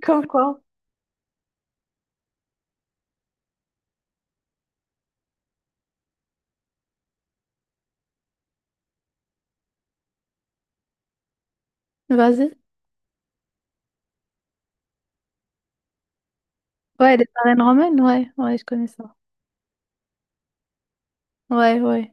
Comme quoi? Vas-y. Ouais, les arènes romaines, ouais, ouais, je connais ça. Ouais, ouais.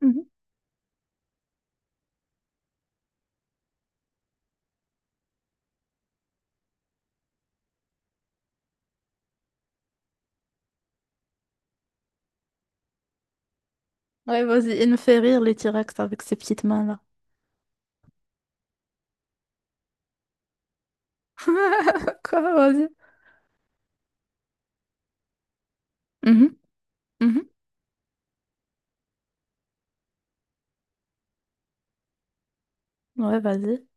Mhm. Ouais, vas-y, il me fait rire les T-Rex avec ses petites mains-là. Quoi, vas-y. Mhm, mhm. Ouais, vas-y.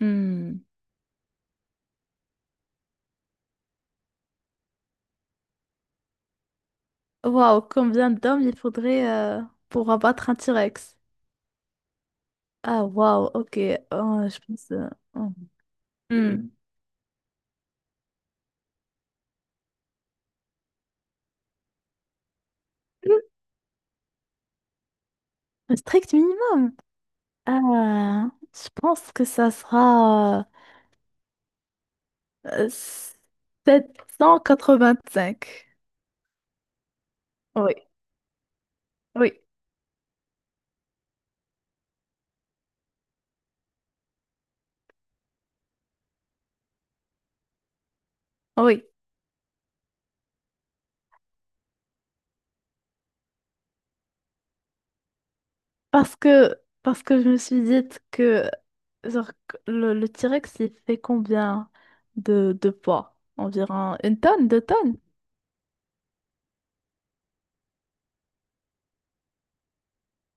Hmm. Waouh, combien d'hommes il faudrait pour abattre un T-Rex? Ah, waouh, ok. Oh, je pense, oh. Hmm. Un strict minimum. Ah, je pense que ça sera cinq Oui. Oui, oui. Parce que, parce que je me suis dit que genre, que le T-Rex, il fait combien de poids? Environ une tonne, deux tonnes?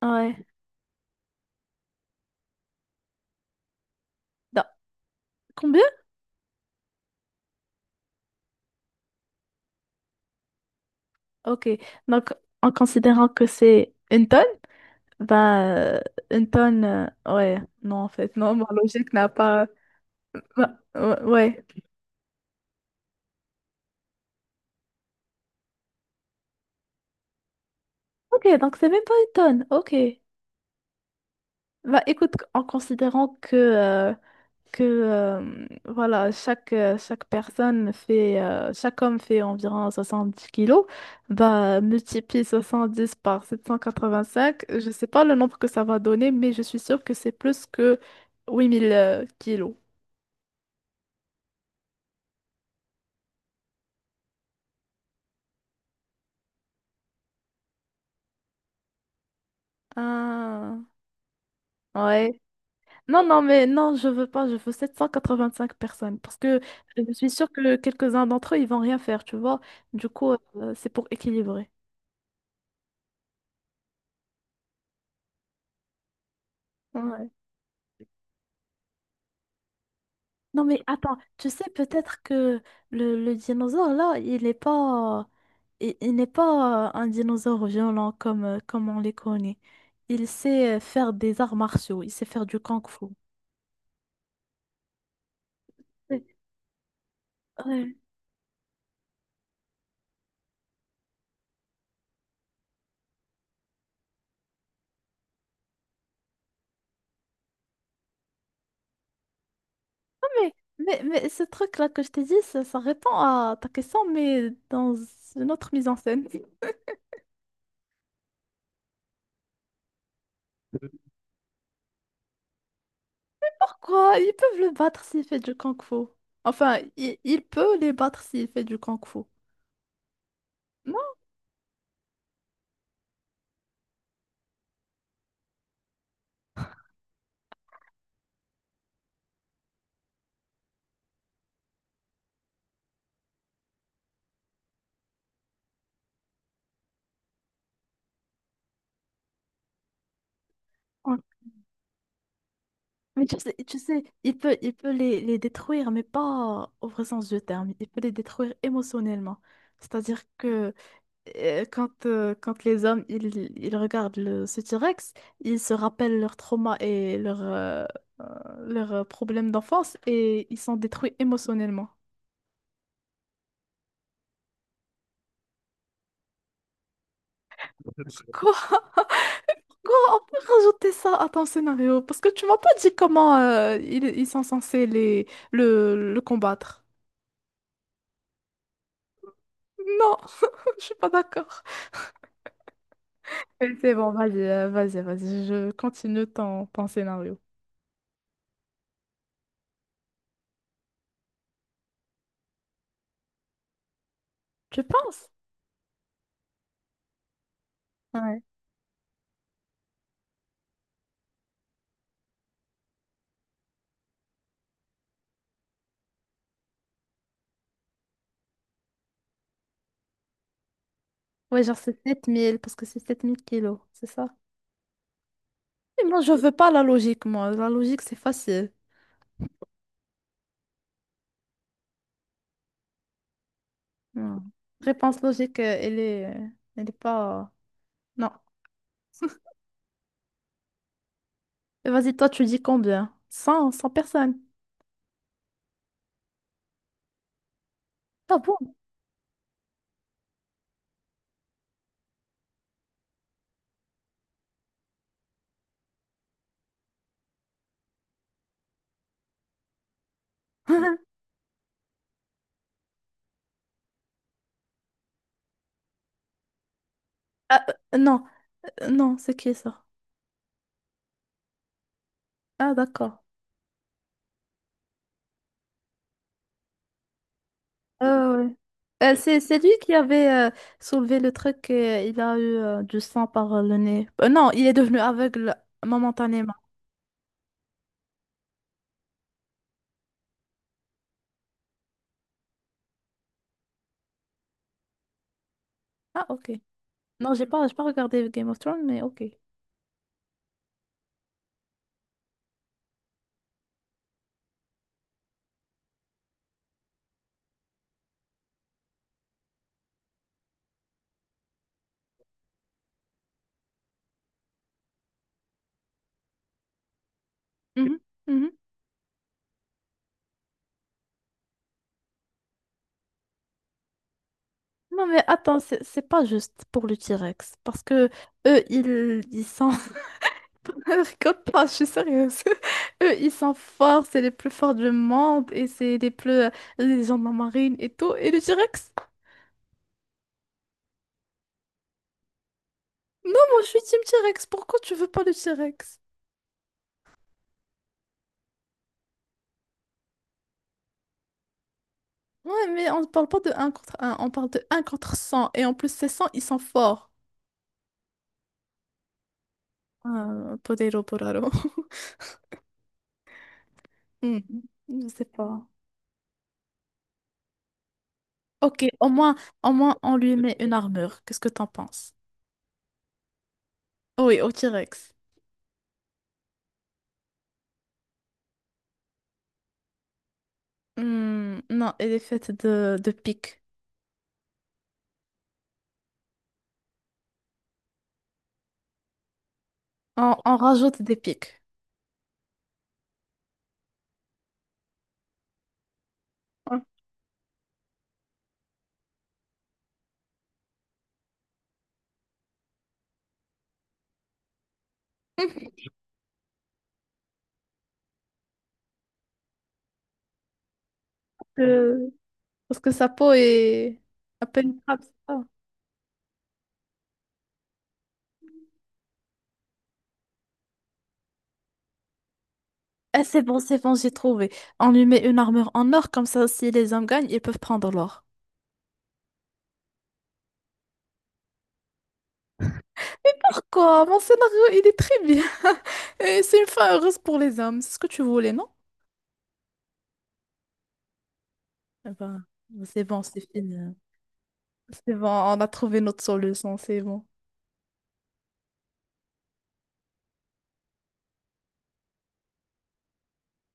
Ouais. Non, combien? Ok. Donc, en considérant que c'est une tonne, bah, une tonne, ouais. Non, en fait, non, ma logique n'a pas. ma- Ouais. Ok, donc c'est même pas une tonne. Ok. Bah, écoute, en considérant que, voilà, chaque personne fait, chaque homme fait environ 70 kilos. Bah, multiplie 70 par 785, je sais pas le nombre que ça va donner, mais je suis sûre que c'est plus que 8 000 kilos. Ah, ouais. Non, non, mais non, je veux pas, je veux 785 personnes, parce que je suis sûre que quelques-uns d'entre eux, ils vont rien faire, tu vois. Du coup, c'est pour équilibrer. Ouais. Non mais attends, tu sais peut-être que le dinosaure là, il n'est pas un dinosaure violent comme on les connaît. Il sait faire des arts martiaux, il sait faire du kung-fu. Ouais. Ouais. Non, mais ce truc-là que je t'ai dit, ça répond à ta question, mais dans une autre mise en scène. Pourquoi? Ils peuvent le battre s'il fait du kung-fu. Enfin, il peut les battre s'il fait du kung-fu. Non? Mais tu sais, il peut les détruire, mais pas au vrai sens du terme. Il peut les détruire émotionnellement. C'est-à-dire que quand les hommes ils regardent ce T-Rex, ils se rappellent leurs traumas et euh, leurs problèmes d'enfance et ils sont détruits émotionnellement. Quoi? Quoi? On peut rajouter ça à ton scénario? Parce que tu m'as pas dit comment ils sont censés le combattre. Non, je suis pas d'accord. Ok, c'est bon, vas-y, vas-y, vas-y, je continue ton scénario. Tu penses? Ouais. Ouais, genre c'est 7 000 parce que c'est 7 000 kilos, c'est ça? Mais moi, je, oui, veux pas la logique, moi. La logique, c'est facile. Non. Réponse logique, elle est pas. Non. Mais vas-y, toi, tu dis combien? Cent personnes. Ah bon? Ah, non, non, c'est qui ça? Ah, d'accord. Ah ouais. C'est lui qui avait soulevé le truc et il a eu du sang par le nez. Non, il est devenu aveugle momentanément. Ah, ok. Non, j'ai pas regardé Game of Thrones, mais ok. Mhm, mhm. Non, mais attends, c'est pas juste pour le T-Rex. Parce que eux, ils sont. Je rigole pas, je suis sérieuse. Eux, ils sont forts, c'est les plus forts du monde et c'est les plus, les gens de la marine et tout. Et le T-Rex? Non, moi, je suis Team T-Rex. Pourquoi tu veux pas le T-Rex? Ouais, mais on parle pas de un contre un, on parle de un contre cent. Et en plus, ces 100, ils sont forts. Ah, Podero Poraro. Hmm, je sais pas. Ok, au moins, on lui met une armure. Qu'est-ce que t'en penses? Oui, au T-Rex. Hmm, non, elle est faite de pics. On rajoute des pics. Ouais. Euh, Parce que sa peau est à peine trappe, c'est ça. Ah, c'est bon, j'ai trouvé. On lui met une armure en or, comme ça, si les hommes gagnent, ils peuvent prendre l'or. Quoi? Mon scénario, il est très bien. Et c'est une fin heureuse pour les hommes. C'est ce que tu voulais, non? Eh ben, c'est bon, c'est fini. C'est bon, on a trouvé notre solution, c'est bon.